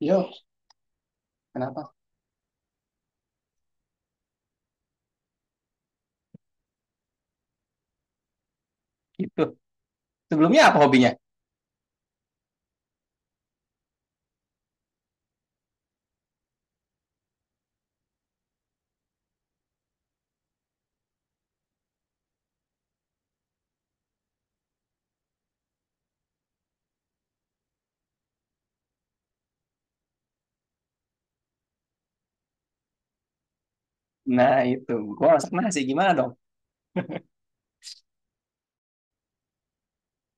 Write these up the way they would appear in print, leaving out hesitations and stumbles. Yo, kenapa? Gitu. Sebelumnya apa hobinya? Nah, itu. Gua masak nasi gimana dong?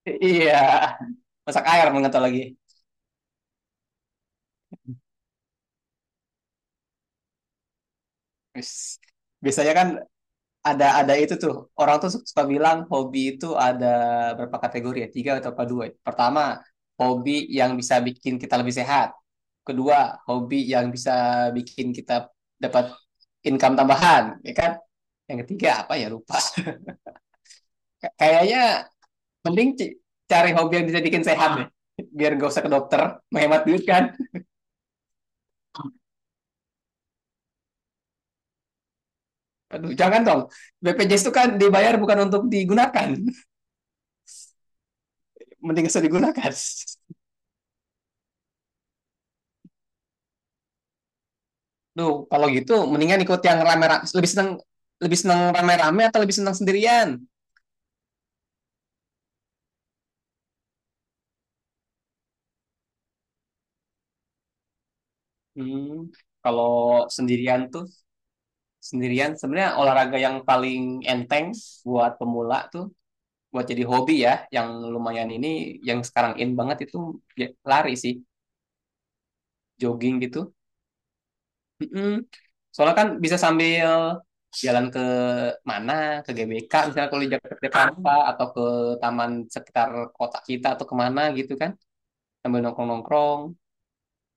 Iya. Masak air mengental lagi. Wis. Biasanya kan ada itu tuh. Orang tuh suka bilang hobi itu ada berapa kategori ya? Tiga atau apa dua? Ya? Pertama, hobi yang bisa bikin kita lebih sehat. Kedua, hobi yang bisa bikin kita dapat income tambahan, ya kan? Yang ketiga apa ya lupa. Kayaknya mending cari hobi yang bisa bikin sehat deh. Biar gak usah ke dokter, menghemat duit kan. Aduh, jangan dong. BPJS itu kan dibayar bukan untuk digunakan. Mending usah digunakan. Duh, kalau gitu mendingan ikut yang rame-rame. Lebih seneng rame-rame atau lebih seneng sendirian? Hmm, kalau sendirian tuh sendirian sebenarnya olahraga yang paling enteng buat pemula tuh buat jadi hobi ya yang lumayan ini yang sekarang in banget itu ya, lari sih jogging gitu. Mm-mm. Soalnya kan bisa sambil jalan ke mana, ke GBK, misalnya kalau di Jakarta atau ke taman sekitar kota kita atau kemana gitu kan, sambil nongkrong-nongkrong,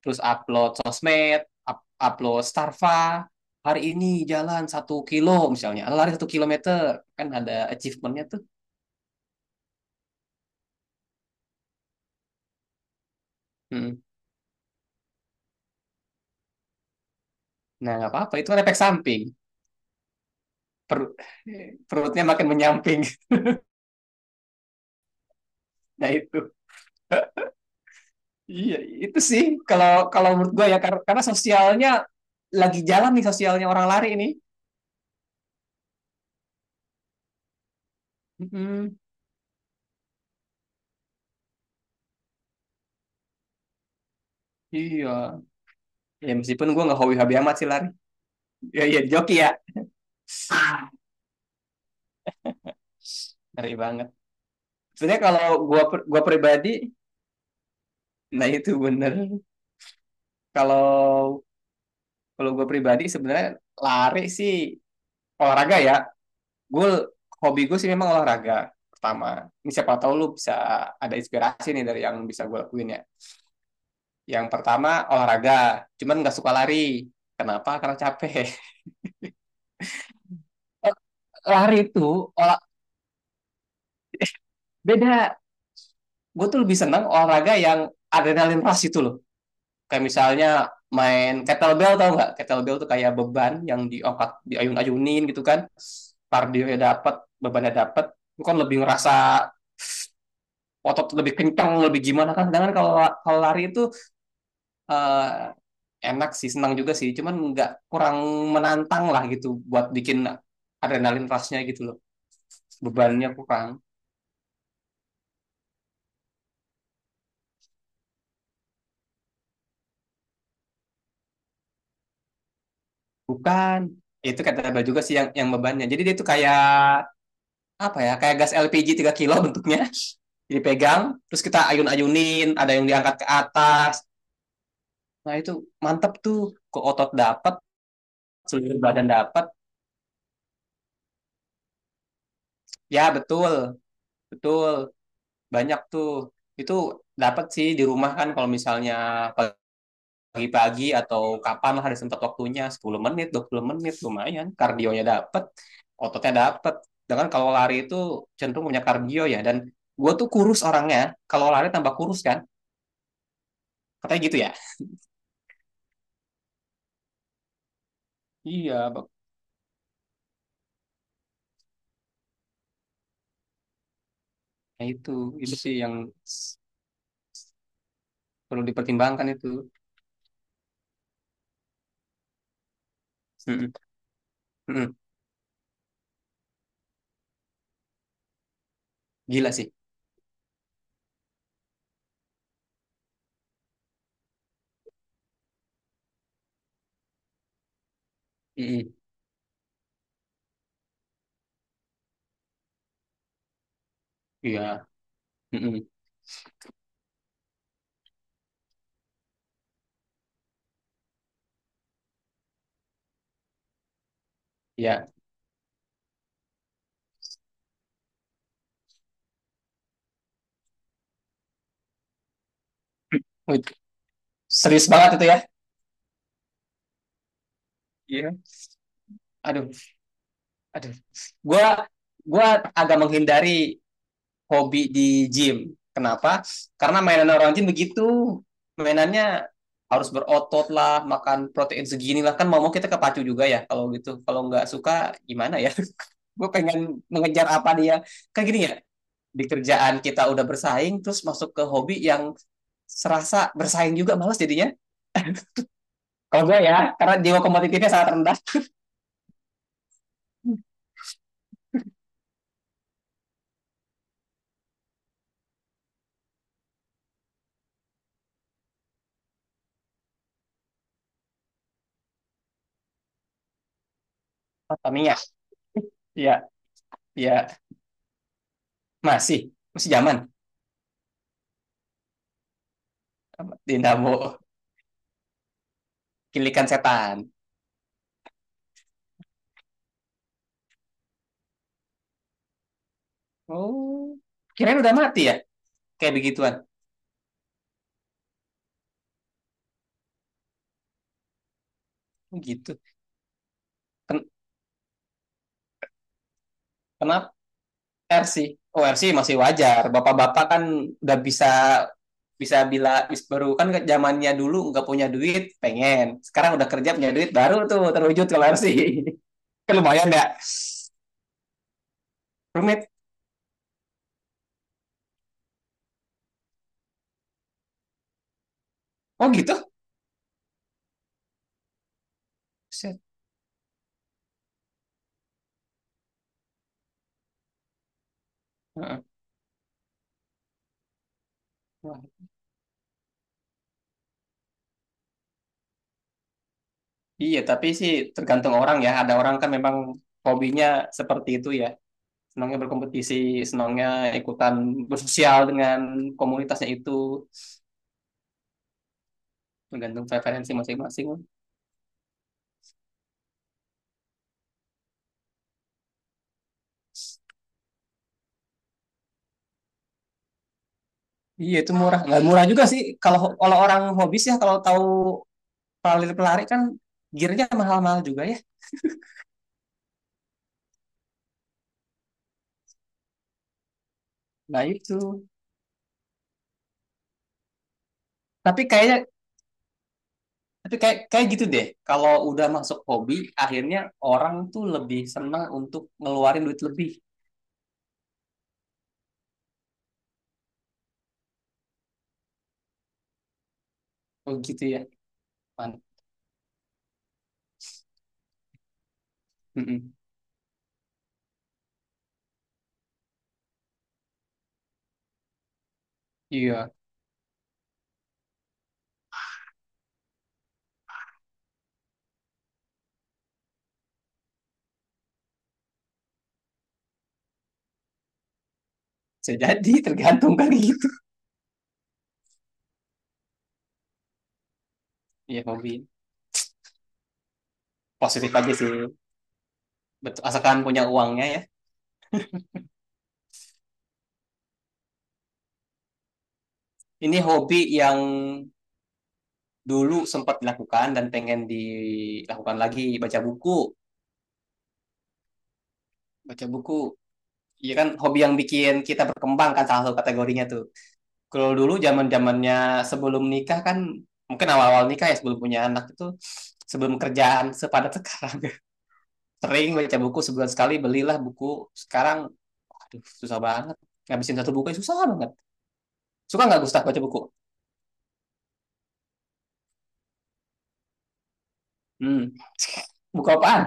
terus upload sosmed, upload Starva, hari ini jalan 1 kilo misalnya, lari 1 kilometer, kan ada achievementnya tuh. Mm. Nah, nggak apa-apa, itu kan efek samping. Perut, perutnya makin menyamping, nah itu. Iya, itu sih kalau kalau menurut gue ya karena sosialnya lagi jalan nih sosialnya orang lari ini. Mm-mm, iya. Ya meskipun gue nggak hobi-hobi amat sih lari. Ya iya joki ya. Ah, ngeri banget. Sebenarnya kalau gue pribadi, nah itu bener. Kalau kalau gue pribadi sebenarnya lari sih olahraga ya. Gue hobi gue sih memang olahraga pertama. Ini siapa tahu lu bisa ada inspirasi nih dari yang bisa gue lakuin ya. Yang pertama olahraga, cuman nggak suka lari. Kenapa? Karena capek. Eh, Lari itu olah beda. Gue tuh lebih seneng olahraga yang adrenalin rush itu loh. Kayak misalnya main kettlebell tau nggak? Kettlebell tuh kayak beban yang diangkat, diayun-ayunin gitu kan. Kardionya dapet, bebannya dapat gue kan lebih ngerasa otot lebih kencang, lebih gimana kan. Sedangkan kalau kalau lari itu eh, enak sih, senang juga sih. Cuman nggak kurang menantang lah gitu buat bikin adrenalin rush-nya gitu loh. Bebannya aku kan bukan. Ya itu kata abah juga sih yang bebannya jadi dia tuh kayak apa ya kayak gas LPG 3 kilo bentuknya dipegang terus kita ayun-ayunin ada yang diangkat ke atas nah itu mantep tuh ke otot dapat seluruh badan dapat ya betul betul banyak tuh itu dapat sih di rumah kan kalau misalnya kalau pagi-pagi atau kapan lah ada sempat waktunya 10 menit 20 menit lumayan kardionya dapat ototnya dapat dengan kalau lari itu cenderung punya kardio ya dan gue tuh kurus orangnya kalau lari tambah kurus kan katanya gitu ya iya. Nah, itu sih yang perlu dipertimbangkan itu. Mm-mm. Mm-mm. Gila sih. Mm-mm. Iya. Mm-mm. Iya. Wih, serius banget itu ya. Iya. Aduh, aduh, gue gue agak menghindari hobi di gym. Kenapa? Karena mainan orang gym begitu. Mainannya harus berotot lah, makan protein segini lah. Kan mau-mau kita kepacu juga ya kalau gitu. Kalau nggak suka gimana ya? Gue pengen mengejar apa dia. Kan gini ya, di kerjaan kita udah bersaing, terus masuk ke hobi yang serasa bersaing juga malas jadinya. Kalau gue ya, karena jiwa kompetitifnya sangat rendah. Oh, Tamiya, ya, ya. Masih, masih zaman. Dinamo, kilikan setan. Oh, kirain udah mati ya? Kayak begituan. Oh, gitu. Ken- Kenapa RC? Oh, RC masih wajar bapak-bapak kan udah bisa bisa bila bis- baru kan zamannya dulu nggak punya duit pengen sekarang udah kerja punya duit baru tuh terwujud kalau RC kan lumayan ya. Rumit. Oh gitu. Wah, iya tapi sih tergantung orang ya ada orang kan memang hobinya seperti itu ya senangnya berkompetisi senangnya ikutan bersosial dengan komunitasnya itu tergantung preferensi masing-masing. Iya itu murah, nggak murah juga sih. Kalau kalau orang hobi sih, ya, kalau tahu pelari pelari kan gearnya mahal-mahal juga ya. Nah itu. Tapi kayaknya, tapi kayak kayak gitu deh. Kalau udah masuk hobi, akhirnya orang tuh lebih senang untuk ngeluarin duit lebih. Oh gitu ya. Man. Mm-mm. Iya. Bisa jadi tergantung kali gitu. Iya hobi. Positif aja sih. Betul. Asalkan punya uangnya ya. Ini hobi yang dulu sempat dilakukan dan pengen dilakukan lagi baca buku. Baca buku, iya kan hobi yang bikin kita berkembang kan salah satu kategorinya tuh. Kalau dulu zamannya sebelum nikah kan, mungkin awal-awal nikah ya sebelum punya anak itu, sebelum kerjaan sepadat sekarang. Sering baca buku sebulan sekali, belilah buku. Sekarang, aduh susah banget. Ngabisin satu buku ya susah banget. Suka nggak Gustaf baca buku? Hmm. Buku apaan?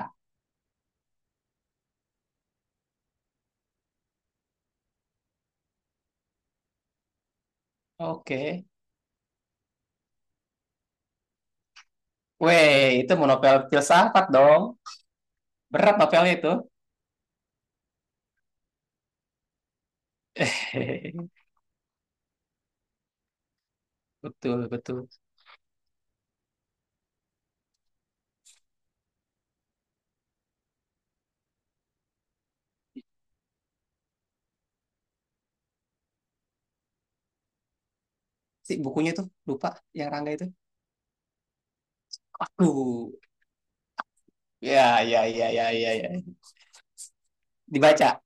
Oke. Weh, itu mau novel filsafat dong. Berat novelnya itu. Betul, betul. Si bukunya tuh, lupa yang Rangga itu. Aku. Ya, ya, ya, ya, ya, ya. Dibaca,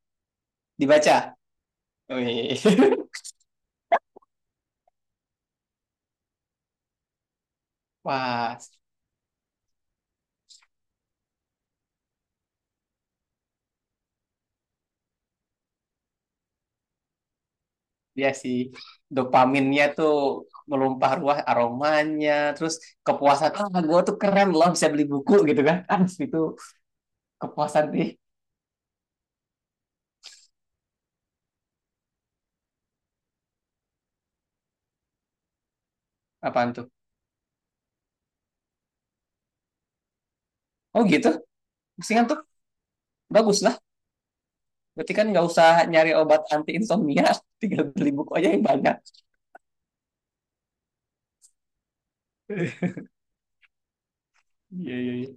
dibaca. Wih. Wah, dia sih dopaminnya tuh melumpah ruah aromanya, terus kepuasan, ah gue tuh keren loh bisa beli buku gitu kan. Ah, itu kepuasan sih. Apaan tuh? Oh gitu? Mendingan tuh bagus lah. Berarti kan nggak usah nyari obat anti insomnia, tinggal beli buku aja yang banyak. Iya, iya, iya.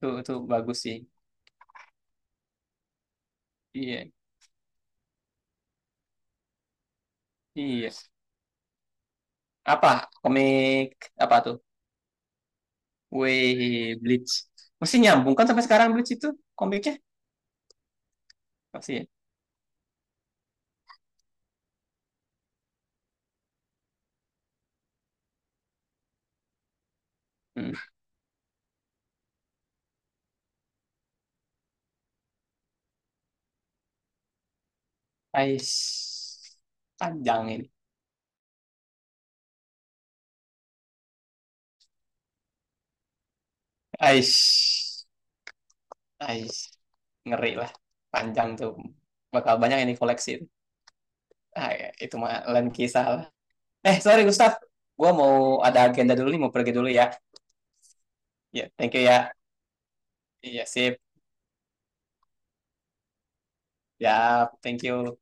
Tuh, tuh bagus sih. Iya, iya. Apa? Komik apa tuh? Wih, Bleach. Masih nyambung kan sampai sekarang Bleach itu komiknya? Masih ya? Hmm. Ais. Panjang ini. Ais. Ais. Ngeri lah. Panjang tuh. Bakal banyak yang dikoleksi itu. Ah, ya, itu mah lain kisah lah. Eh, sorry Gustaf. Gua mau ada agenda dulu nih, mau pergi dulu ya. Ya, thank you ya. Iya, sip. Ya, thank you.